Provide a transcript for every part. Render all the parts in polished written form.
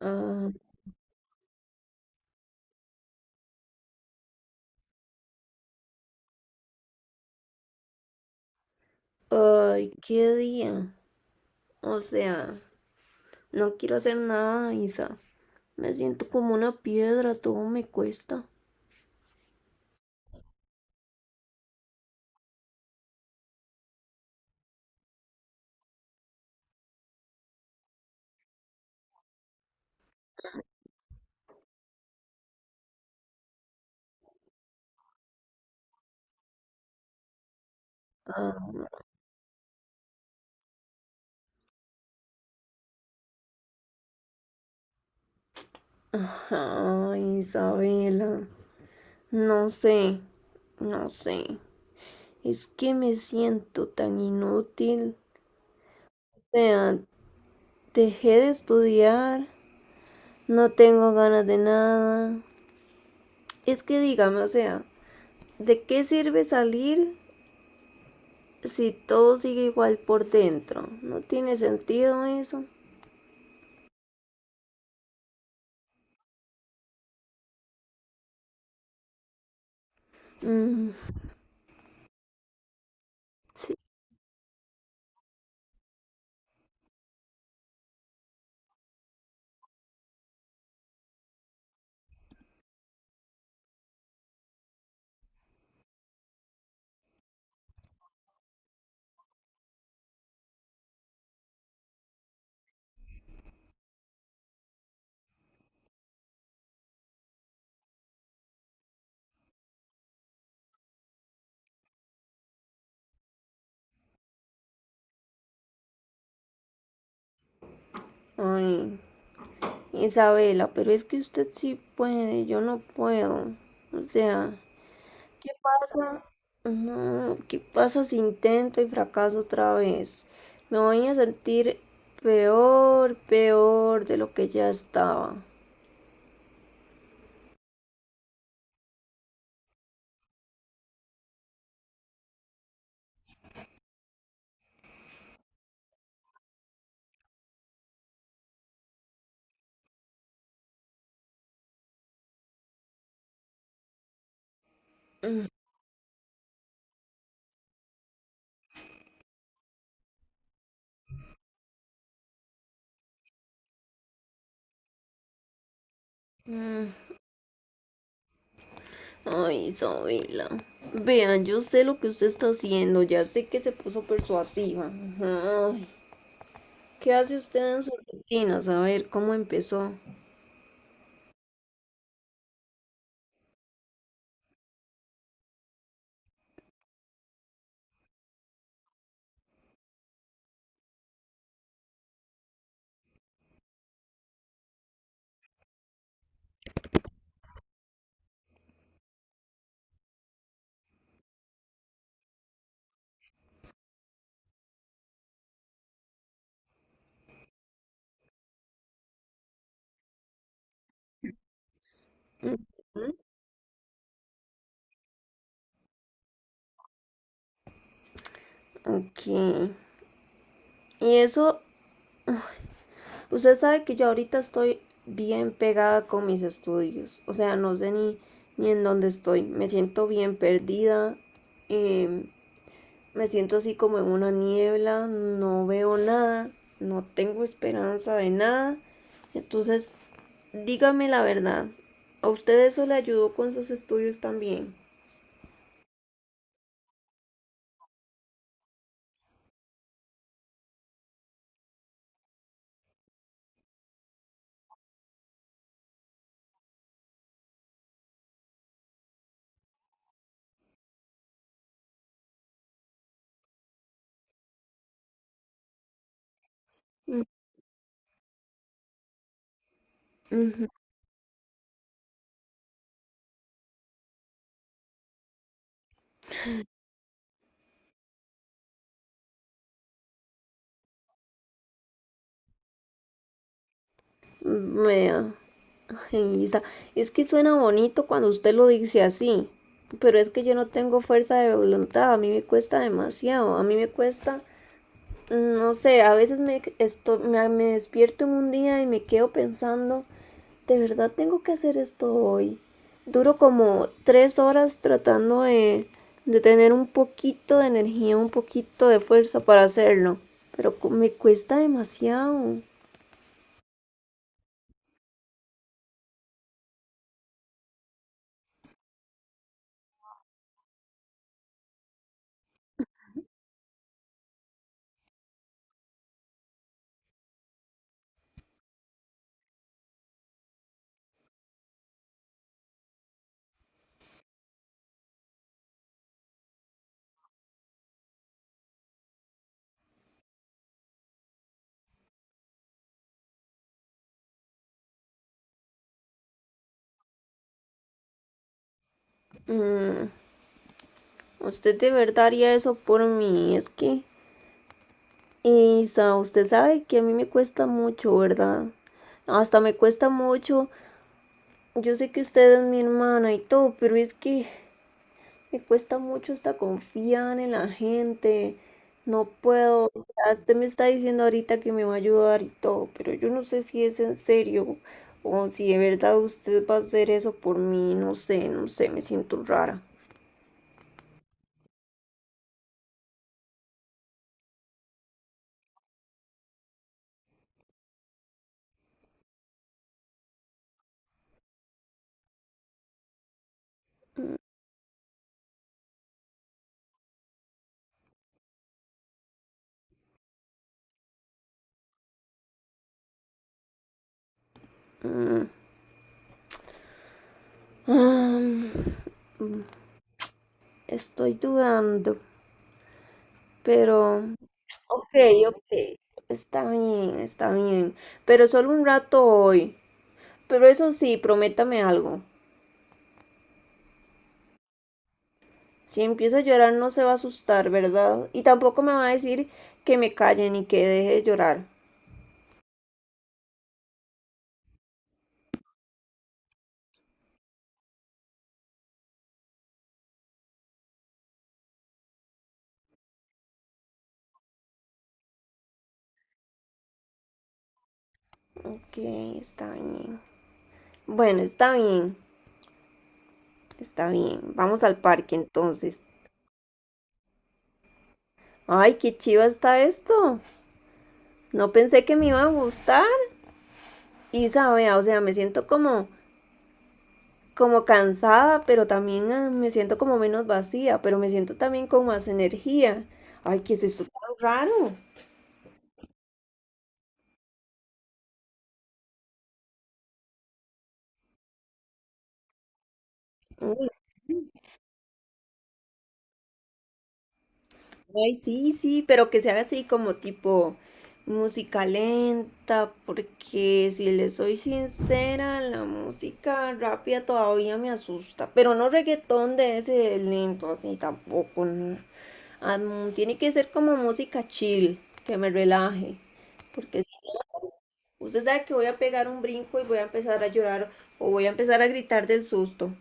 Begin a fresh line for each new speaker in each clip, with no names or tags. Ah, ay, qué día. O sea, no quiero hacer nada, Isa. Me siento como una piedra, todo me cuesta. Ah, ajá, Isabela. No sé, no sé. Es que me siento tan inútil. O sea, dejé de estudiar, no tengo ganas de nada. Es que dígame, o sea, ¿de qué sirve salir si todo sigue igual por dentro? No tiene sentido eso. Mm, sí. Ay, Isabela, pero es que usted sí puede, yo no puedo. O sea, ¿qué pasa? No, ¿qué pasa si intento y fracaso otra vez? Me voy a sentir peor, peor de lo que ya estaba. Mm, ay, Isabela. Vean, yo sé lo que usted está haciendo, ya sé que se puso persuasiva. Ay, ¿qué hace usted en su rutina? A ver, ¿cómo empezó? Ok. Y eso, usted sabe que yo ahorita estoy bien pegada con mis estudios. O sea, no sé ni en dónde estoy. Me siento bien perdida. em, Me siento así como en una niebla. No veo nada. No tengo esperanza de nada. Entonces, dígame la verdad. ¿A usted eso le ayudó con sus estudios también? Mm, ujú. Vea. Ay, Isa, es que suena bonito cuando usted lo dice así, pero es que yo no tengo fuerza de voluntad, a mí me cuesta demasiado, a mí me cuesta, no sé, a veces me despierto en un día y me quedo pensando, ¿de verdad tengo que hacer esto hoy? Duro como tres horas de tener un poquito de energía, un poquito de fuerza para hacerlo, pero me cuesta demasiado. Mm, usted de verdad haría eso por mí, es que... Y, Isa, usted sabe que a mí me cuesta mucho, ¿verdad? Hasta me cuesta mucho. Yo sé que usted es mi hermana y todo, pero es que me cuesta mucho hasta confiar en la gente. No puedo. O sea, usted me está diciendo ahorita que me va a ayudar y todo, pero yo no sé si es en serio o si de verdad usted va a hacer eso por mí. No sé, me siento rara. Ah, estoy dudando. Pero, ok, ok, está bien, está bien. Pero solo un rato hoy. Pero eso sí, prométame algo. Si empieza a llorar no se va a asustar, ¿verdad? Y tampoco me va a decir que me calle ni que deje de llorar. Ok, está bien. Bueno, está bien, está bien. Vamos al parque entonces. Ay, qué chiva está esto. No pensé que me iba a gustar. Y sabe, o sea, como cansada, pero también ah, me siento como menos vacía, pero me siento también con más energía. Ay, ¿qué es esto tan raro? Uy, ay, sí, sí, pero que sea así como tipo música lenta, porque si le soy sincera, la música rápida todavía me asusta, pero no reggaetón de ese lento así tampoco. No. Ah, mm, tiene que ser como música chill, que me relaje, porque usted sabe que voy a pegar un brinco y voy a empezar a llorar o voy a empezar a gritar del susto.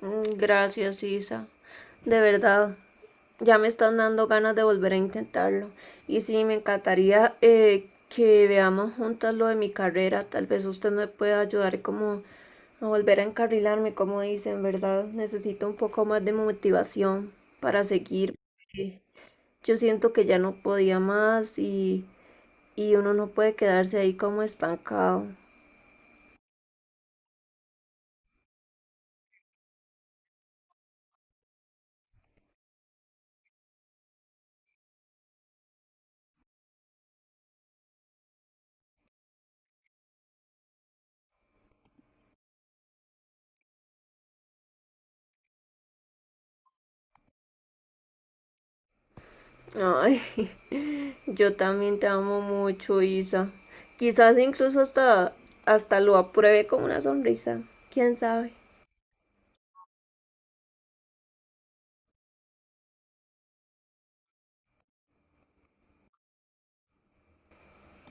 Mm, gracias, Isa. De verdad, ya me están dando ganas de volver a intentarlo. Y sí, me encantaría que veamos juntas lo de mi carrera. Tal vez usted me pueda ayudar como a volver a encarrilarme, como dicen, ¿verdad? Necesito un poco más de motivación para seguir. Porque yo siento que ya no podía más y uno no puede quedarse ahí como estancado. Ay, yo también te amo mucho, Isa. Quizás incluso hasta lo apruebe con una sonrisa. ¿Quién sabe?